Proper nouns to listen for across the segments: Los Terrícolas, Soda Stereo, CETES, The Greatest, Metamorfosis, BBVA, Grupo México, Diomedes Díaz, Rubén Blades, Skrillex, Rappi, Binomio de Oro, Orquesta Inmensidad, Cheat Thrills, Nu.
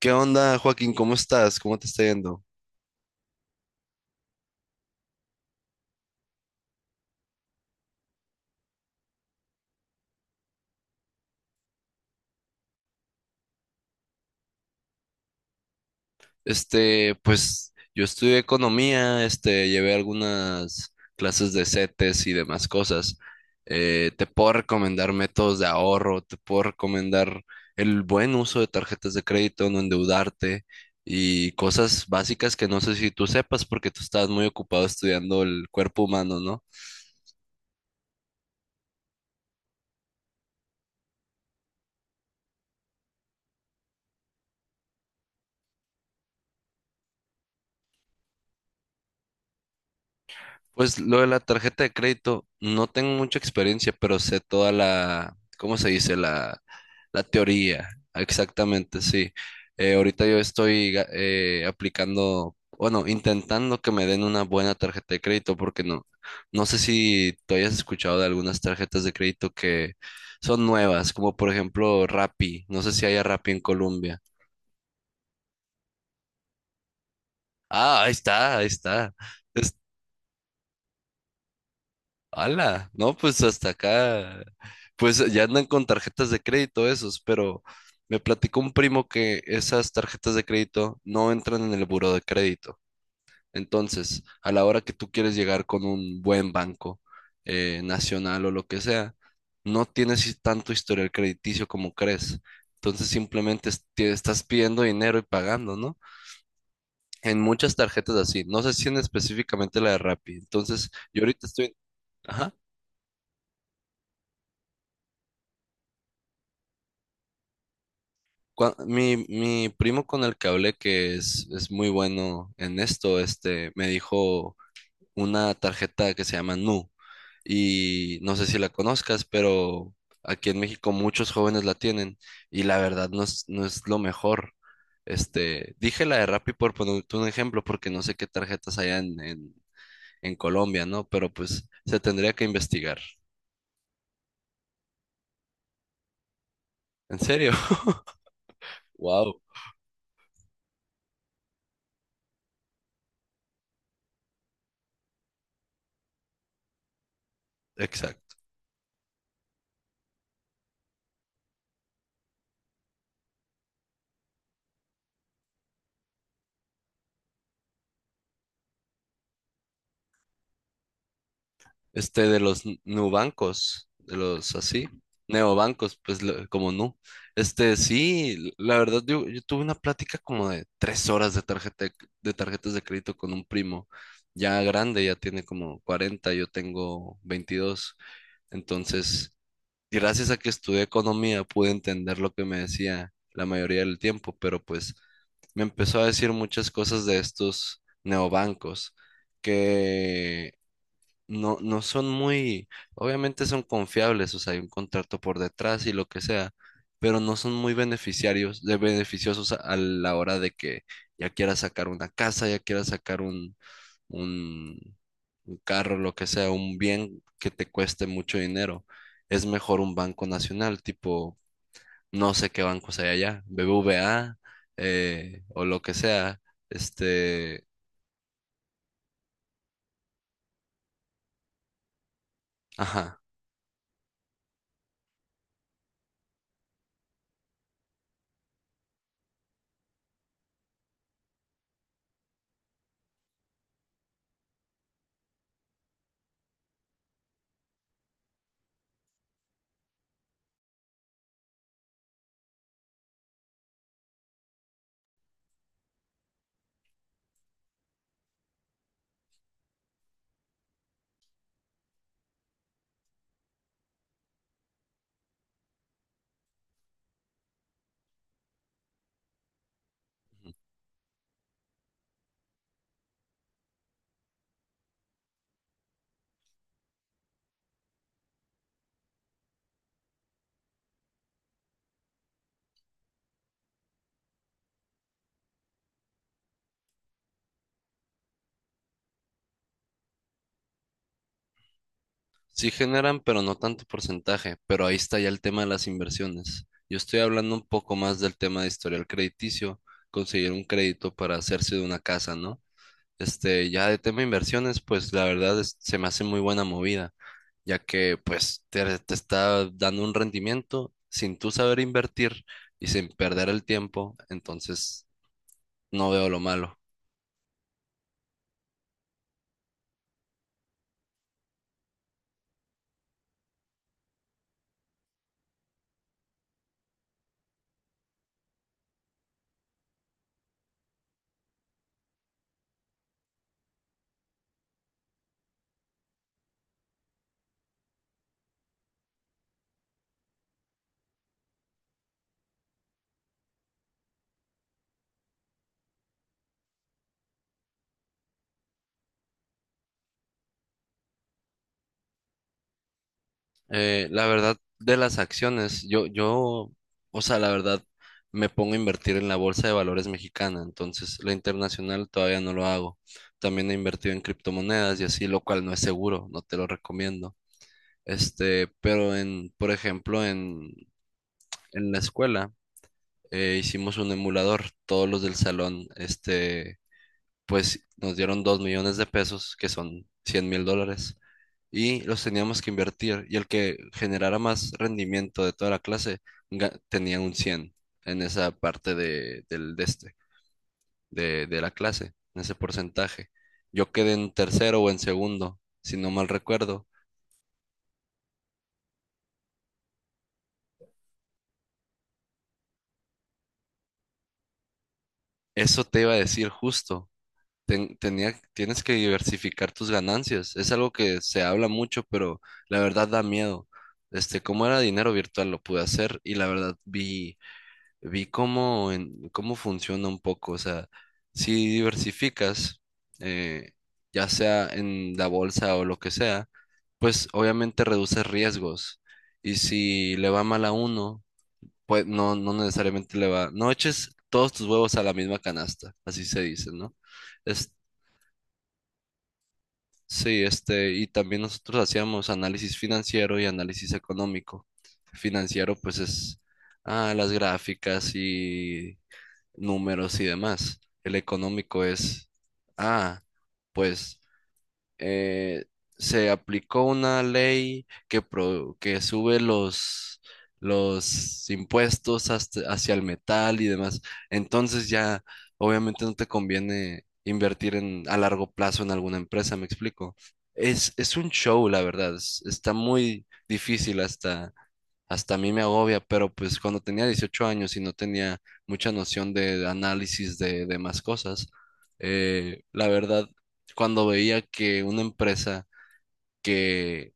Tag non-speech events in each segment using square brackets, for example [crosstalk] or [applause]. ¿Qué onda, Joaquín? ¿Cómo estás? ¿Cómo te está yendo? Pues yo estudié economía, llevé algunas clases de CETES y demás cosas. Te puedo recomendar métodos de ahorro, te puedo recomendar el buen uso de tarjetas de crédito, no endeudarte y cosas básicas que no sé si tú sepas porque tú estabas muy ocupado estudiando el cuerpo humano, ¿no? Pues lo de la tarjeta de crédito, no tengo mucha experiencia, pero sé toda la, ¿cómo se dice? La teoría, exactamente, sí. Ahorita yo estoy aplicando, bueno, intentando que me den una buena tarjeta de crédito, porque no sé si tú hayas escuchado de algunas tarjetas de crédito que son nuevas, como por ejemplo Rappi, no sé si haya Rappi en Colombia. Ah, ahí está, ahí está. Ala, no, pues hasta acá, pues ya andan con tarjetas de crédito esos, pero me platicó un primo que esas tarjetas de crédito no entran en el buró de crédito. Entonces, a la hora que tú quieres llegar con un buen banco nacional o lo que sea, no tienes tanto historial crediticio como crees. Entonces, simplemente te estás pidiendo dinero y pagando, ¿no? En muchas tarjetas así, no sé si en específicamente la de Rappi. Entonces, yo ahorita estoy... Ajá. Mi primo con el que hablé, que es muy bueno en esto, me dijo una tarjeta que se llama Nu. Y no sé si la conozcas, pero aquí en México muchos jóvenes la tienen. Y la verdad no es lo mejor. Este, dije la de Rappi por ponerte un ejemplo, porque no sé qué tarjetas hay en Colombia, ¿no? Pero pues se tendría que investigar. ¿En serio? [laughs] Wow. Exacto. Nubancos, de los así, neobancos, pues lo- como no Este, sí, la verdad, yo tuve una plática como de tres horas de tarjeta, de tarjetas de crédito con un primo, ya grande, ya tiene como 40. Yo tengo 22. Entonces, gracias a que estudié economía, pude entender lo que me decía la mayoría del tiempo, pero pues me empezó a decir muchas cosas de estos neobancos que no son muy, obviamente son confiables, o sea, hay un contrato por detrás y lo que sea, pero no son muy beneficiarios, de beneficiosos a la hora de que ya quieras sacar una casa, ya quieras sacar un, un carro, lo que sea, un bien que te cueste mucho dinero. Es mejor un banco nacional, tipo, no sé qué bancos hay allá, BBVA, o lo que sea, este, ajá. Sí generan, pero no tanto porcentaje, pero ahí está ya el tema de las inversiones. Yo estoy hablando un poco más del tema de historial crediticio, conseguir un crédito para hacerse de una casa, ¿no? Este, ya de tema de inversiones, pues la verdad se me hace muy buena movida, ya que pues te está dando un rendimiento sin tú saber invertir y sin perder el tiempo, entonces no veo lo malo. La verdad de las acciones, o sea, la verdad me pongo a invertir en la bolsa de valores mexicana, entonces la internacional todavía no lo hago. También he invertido en criptomonedas y así, lo cual no es seguro, no te lo recomiendo. Este, pero por ejemplo, en la escuela hicimos un emulador, todos los del salón, este, pues nos dieron 2 millones de pesos, que son $100,000, y los teníamos que invertir. Y el que generara más rendimiento de toda la clase tenía un 100 en esa parte de, del, de, este, de la clase, en ese porcentaje. Yo quedé en tercero o en segundo, si no mal recuerdo. Eso te iba a decir justo. Tienes que diversificar tus ganancias. Es algo que se habla mucho, pero la verdad da miedo. Este, como era dinero virtual, lo pude hacer y la verdad vi cómo funciona un poco. O sea, si diversificas, eh, ya sea en la bolsa o lo que sea, pues obviamente reduces riesgos. Y si le va mal a uno, pues no necesariamente le va. No eches todos tus huevos a la misma canasta, así se dice, ¿no? Sí, este, y también nosotros hacíamos análisis financiero y análisis económico. Financiero, pues es las gráficas y números y demás. El económico es, ah, pues eh, se aplicó una ley que sube los impuestos hacia el metal y demás. Entonces ya obviamente no te conviene invertir a largo plazo en alguna empresa, ¿me explico? Es un show, la verdad. Está muy difícil, hasta a mí me agobia, pero pues cuando tenía 18 años y no tenía mucha noción de análisis de demás cosas, la verdad, cuando veía que una empresa que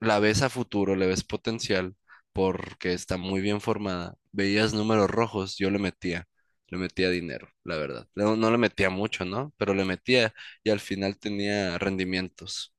la ves a futuro, le ves potencial, porque está muy bien formada, veías números rojos, le metía dinero, la verdad. No le metía mucho, ¿no? Pero le metía y al final tenía rendimientos.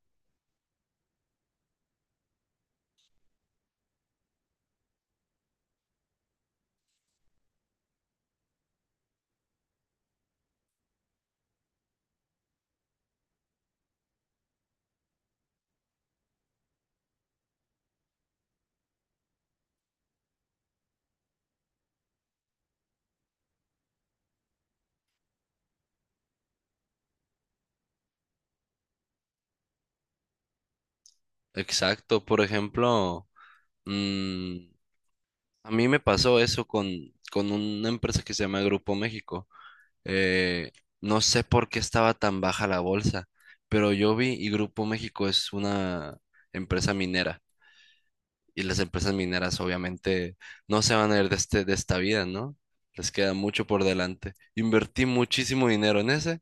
Exacto, por ejemplo, mm, a mí me pasó eso con una empresa que se llama Grupo México. Eh, no sé por qué estaba tan baja la bolsa, pero yo vi y Grupo México es una empresa minera. Y las empresas mineras obviamente no se van a ir de esta vida, ¿no? Les queda mucho por delante. Invertí muchísimo dinero en ese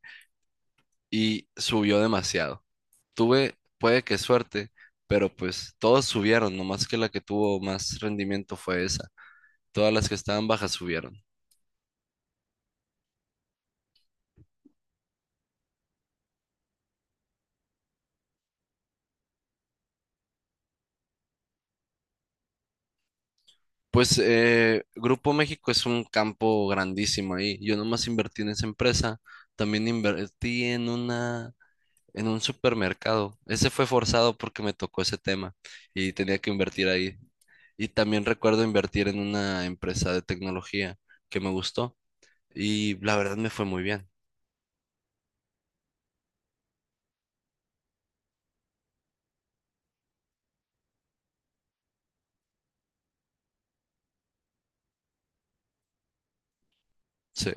y subió demasiado. Tuve, puede que suerte, pero pues todos subieron, nomás que la que tuvo más rendimiento fue esa. Todas las que estaban bajas subieron. Pues Grupo México es un campo grandísimo ahí. Yo nomás invertí en esa empresa. También invertí en en un supermercado. Ese fue forzado porque me tocó ese tema y tenía que invertir ahí. Y también recuerdo invertir en una empresa de tecnología que me gustó y la verdad me fue muy bien. Sí,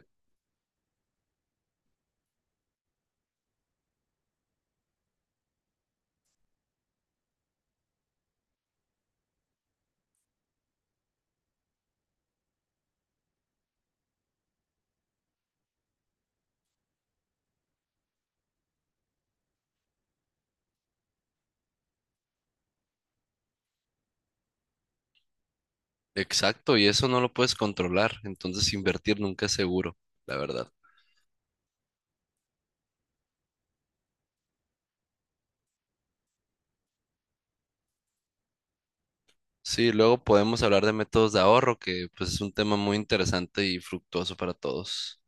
exacto. Y eso no lo puedes controlar. Entonces invertir nunca es seguro, la verdad. Sí, luego podemos hablar de métodos de ahorro, que pues es un tema muy interesante y fructuoso para todos.